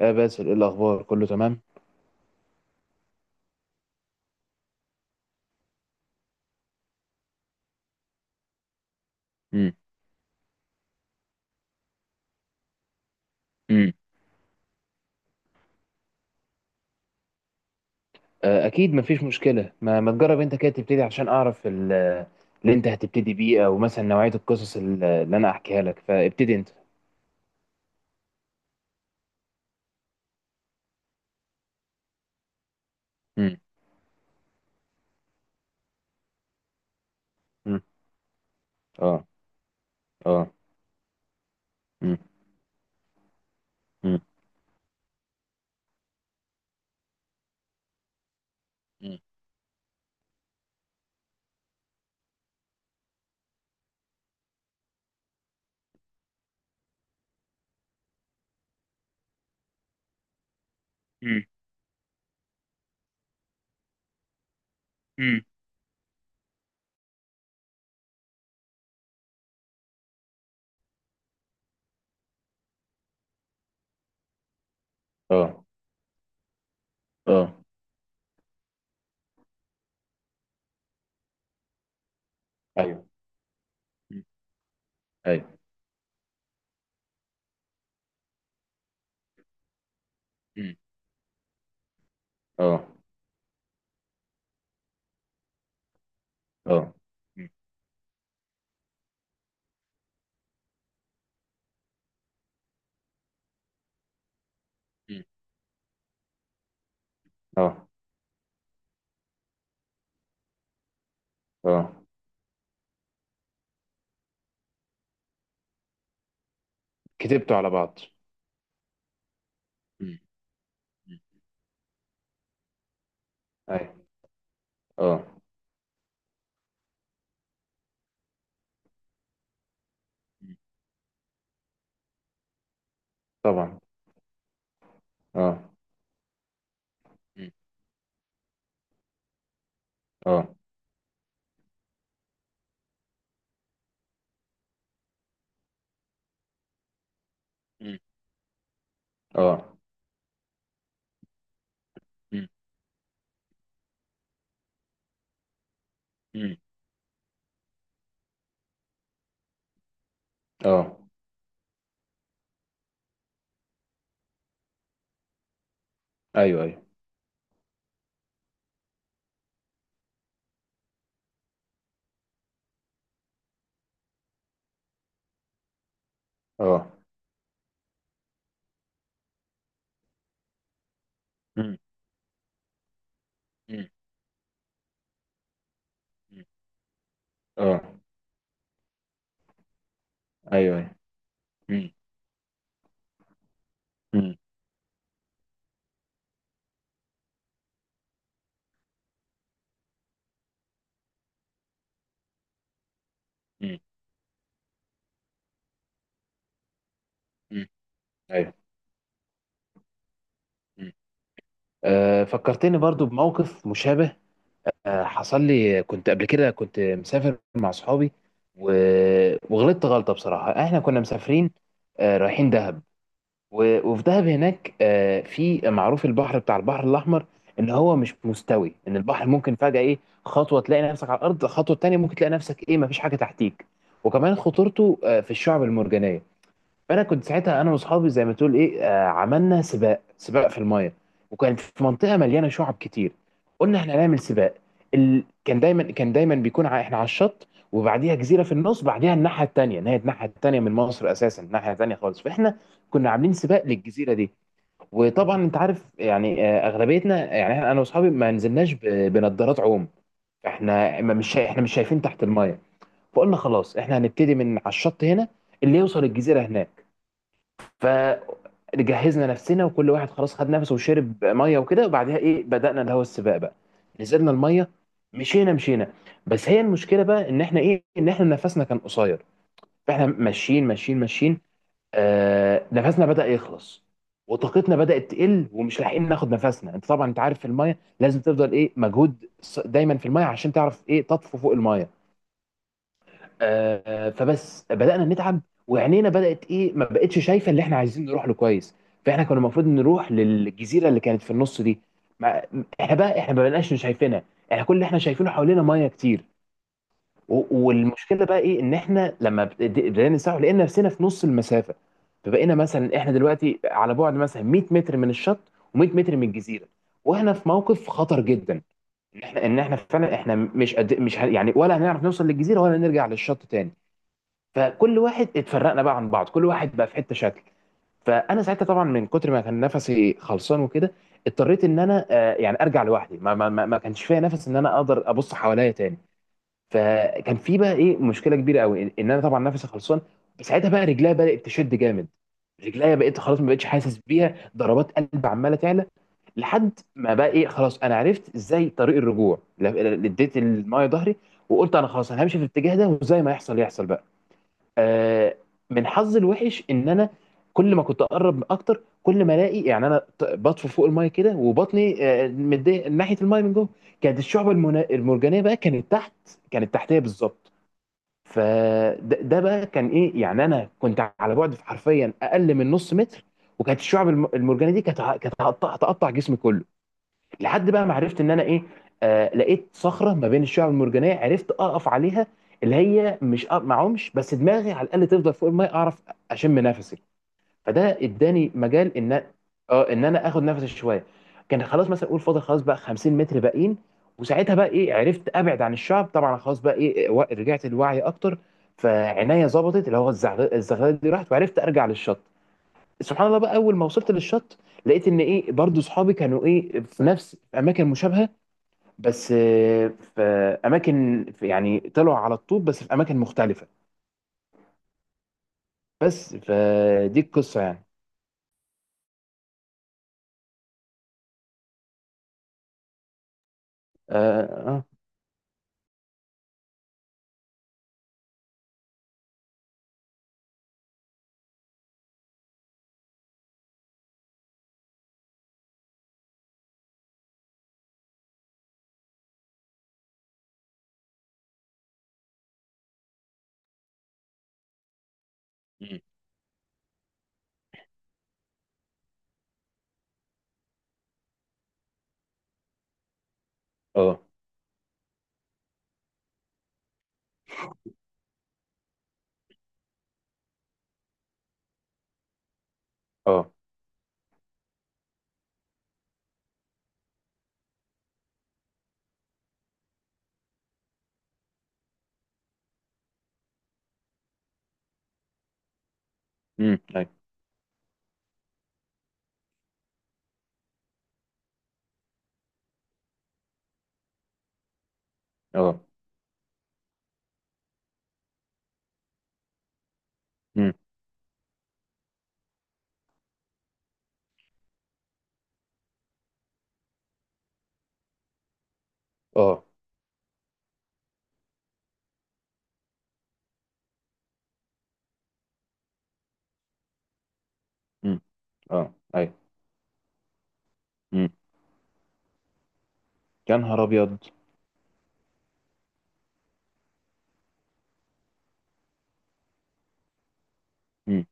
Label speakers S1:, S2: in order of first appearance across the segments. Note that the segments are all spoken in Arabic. S1: آه باسل، ايه الاخبار؟ كله تمام؟ مم. مم. آه اكيد مفيش مشكله. ما تجرب انت كده تبتدي عشان اعرف اللي انت هتبتدي بيه، او مثلا نوعيه القصص اللي انا احكيها لك، فابتدي انت. مم. مم. اه. اه. مم. مم. مم. مم. مم. اه. اه. ايوه. مم. ايوه. مم. اه. اه. مم. مم. اه. اه. كتبته على بعض. مم. مم. ايوه. اه. مم. طبعا. اه. مم. اه. مم. اه. مم. مم. اه. ايوه ايوه. اه. مم. مم. مم. اه. ايوه ايوه. مم. مم. مم. مم. ايوه. مم. فكرتني برضو بموقف مشابه. حصل لي، كنت قبل كده كنت مسافر مع صحابي. و... وغلطت غلطة بصراحة. احنا كنا مسافرين، رايحين دهب. وفي دهب هناك، في معروف البحر بتاع البحر الأحمر، إن هو مش مستوي. إن البحر ممكن فجأة إيه، خطوة تلاقي نفسك على الأرض، خطوة تانية ممكن تلاقي نفسك إيه مفيش حاجة تحتيك. وكمان خطورته في الشعب المرجانية. فانا كنت ساعتها انا واصحابي زي ما تقول ايه عملنا سباق، سباق في المايه، وكانت في منطقه مليانه شعب كتير. قلنا احنا هنعمل سباق. كان دايما بيكون احنا على الشط، وبعديها جزيره في النص، بعديها الناحيه التانيه، ان هي الناحيه التانيه من مصر اساسا، الناحيه التانيه خالص. فاحنا كنا عاملين سباق للجزيره دي. وطبعا انت عارف يعني آه، اغلبيتنا يعني انا واصحابي ما نزلناش بنضارات عوم. احنا مش شايفين تحت المايه. فقلنا خلاص احنا هنبتدي من على الشط هنا، اللي يوصل الجزيره هناك. فجهزنا نفسنا، وكل واحد خلاص خد نفسه وشرب ميه وكده، وبعدها ايه بدأنا اللي هو السباق بقى. نزلنا الميه، مشينا مشينا. بس هي المشكله بقى ان احنا ايه، ان احنا نفسنا كان قصير. فاحنا ماشيين ماشيين ماشيين، آه نفسنا بدأ يخلص وطاقتنا بدأت تقل، ومش لاحقين ناخد نفسنا. انت طبعا انت عارف في الميه لازم تفضل ايه مجهود دايما في الميه عشان تعرف ايه تطفو فوق الميه. فبس بدأنا نتعب، وعينينا بدأت ايه ما بقتش شايفة اللي احنا عايزين نروح له كويس. فاحنا كنا المفروض نروح للجزيرة اللي كانت في النص دي. ما احنا بقى احنا ما بقناش شايفينها. احنا كل اللي احنا شايفينه حوالينا ميه كتير. والمشكلة بقى ايه ان احنا لما بدأنا نسرح لقينا نفسنا في نص المسافة. فبقينا مثلا احنا دلوقتي على بعد مثلا 100 متر من الشط، و100 متر من الجزيرة، واحنا في موقف خطر جدا. ان احنا ان احنا فعلا احنا مش قد مش ه- يعني ولا هنعرف نوصل للجزيرة ولا نرجع للشط تاني. فكل واحد اتفرقنا بقى عن بعض، كل واحد بقى في حته شكل. فانا ساعتها طبعا من كتر ما كان نفسي خلصان وكده، اضطريت ان انا يعني ارجع لوحدي. ما كانش فيا نفس ان انا اقدر ابص حواليا تاني. فكان في بقى ايه مشكله كبيره قوي ان إن انا طبعا نفسي خلصان. ساعتها بقى رجليا بدات تشد جامد، رجليا بقيت خلاص ما بقتش حاسس بيها، ضربات قلب عماله تعلى. لحد ما بقى ايه خلاص انا عرفت ازاي طريق الرجوع. اديت المايه ظهري، وقلت انا خلاص انا همشي في الاتجاه ده، وزي ما يحصل يحصل بقى. آه، من حظي الوحش ان انا كل ما كنت اقرب اكتر كل ما الاقي يعني انا بطفو فوق المايه كده، وبطني متضايق ناحيه المايه من جوه. كانت الشعب المرجانيه بقى كانت تحت، كانت تحتيه بالظبط. فده بقى كان ايه، يعني انا كنت على بعد حرفيا اقل من نص متر، وكانت الشعب المرجانيه دي كانت كانت هتقطع هتقطع جسمي كله. لحد بقى ما عرفت ان انا ايه، آه لقيت صخره ما بين الشعب المرجانيه، عرفت اقف عليها. اللي هي مش ما اعومش، بس دماغي على الاقل تفضل فوق الميه اعرف اشم نفسي. فده اداني مجال ان اه ان انا اخد نفسي شويه. كان خلاص مثلا اقول فاضل خلاص بقى 50 متر باقيين. وساعتها بقى ايه عرفت ابعد عن الشعب طبعا، خلاص بقى ايه، رجعت لوعي اكتر. فعناية ظبطت، اللي هو الزغلله دي راحت، وعرفت ارجع للشط. سبحان الله بقى اول ما وصلت للشط لقيت ان ايه برضو صحابي كانوا ايه في نفس اماكن مشابهه، بس في اماكن، في يعني طلعوا على الطوب بس في اماكن مختلفه. بس فدي القصه يعني. اه. اه. مم. اه. اه. امم. اي. اه. امم. اه. امم. اه. اي. امم. يا نهار ابيض. امم.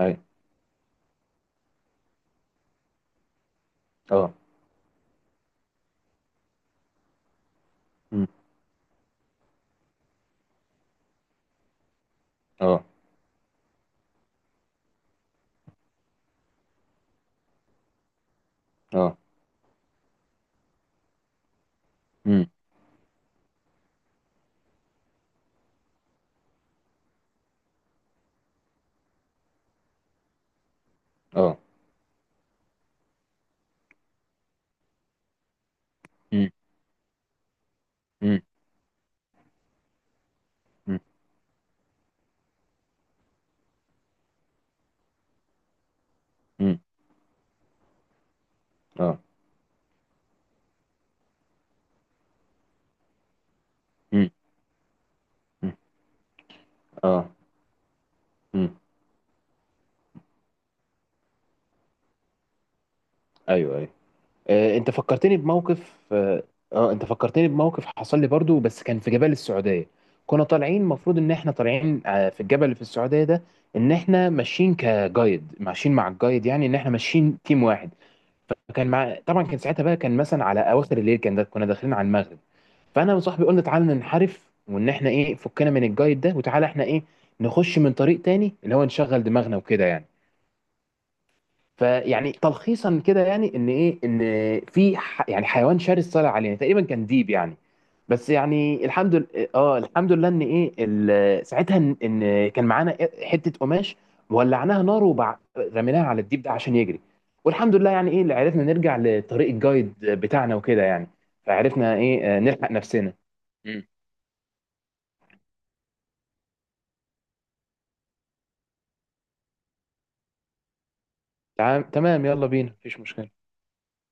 S1: اي. اه. امم. اه. اه. امم. اه. امم. امم. امم. امم. اه. امم. امم. اه. امم. ايوه ايوه. آه، انت فكرتني بموقف اه انت فكرتني بموقف حصل لي برضو، بس كان في جبال السعودية. كنا طالعين المفروض ان احنا طالعين في الجبل اللي في السعودية ده، ان احنا ماشيين كجايد، ماشيين مع الجايد، يعني ان احنا ماشيين تيم واحد. فكان مع طبعا كان ساعتها بقى كان مثلا على اواخر الليل، كان ده كنا داخلين على المغرب. فانا وصاحبي قلنا تعالى ننحرف، وان احنا ايه فكنا من الجايد ده، وتعالى احنا ايه نخش من طريق تاني اللي هو نشغل دماغنا وكده يعني. فيعني تلخيصا كده يعني ان ايه، ان في يعني حيوان شرس طلع علينا، تقريبا كان ديب يعني. بس يعني الحمد لله. اه الحمد لله ان ايه ساعتها ان إن كان معانا حته قماش، ولعناها نار رميناها على الديب ده عشان يجري. والحمد لله يعني ايه اللي عرفنا نرجع لطريق الجايد بتاعنا وكده يعني. فعرفنا ايه نلحق نفسنا. مم. تمام تمام، يلا بينا مفيش مشكله.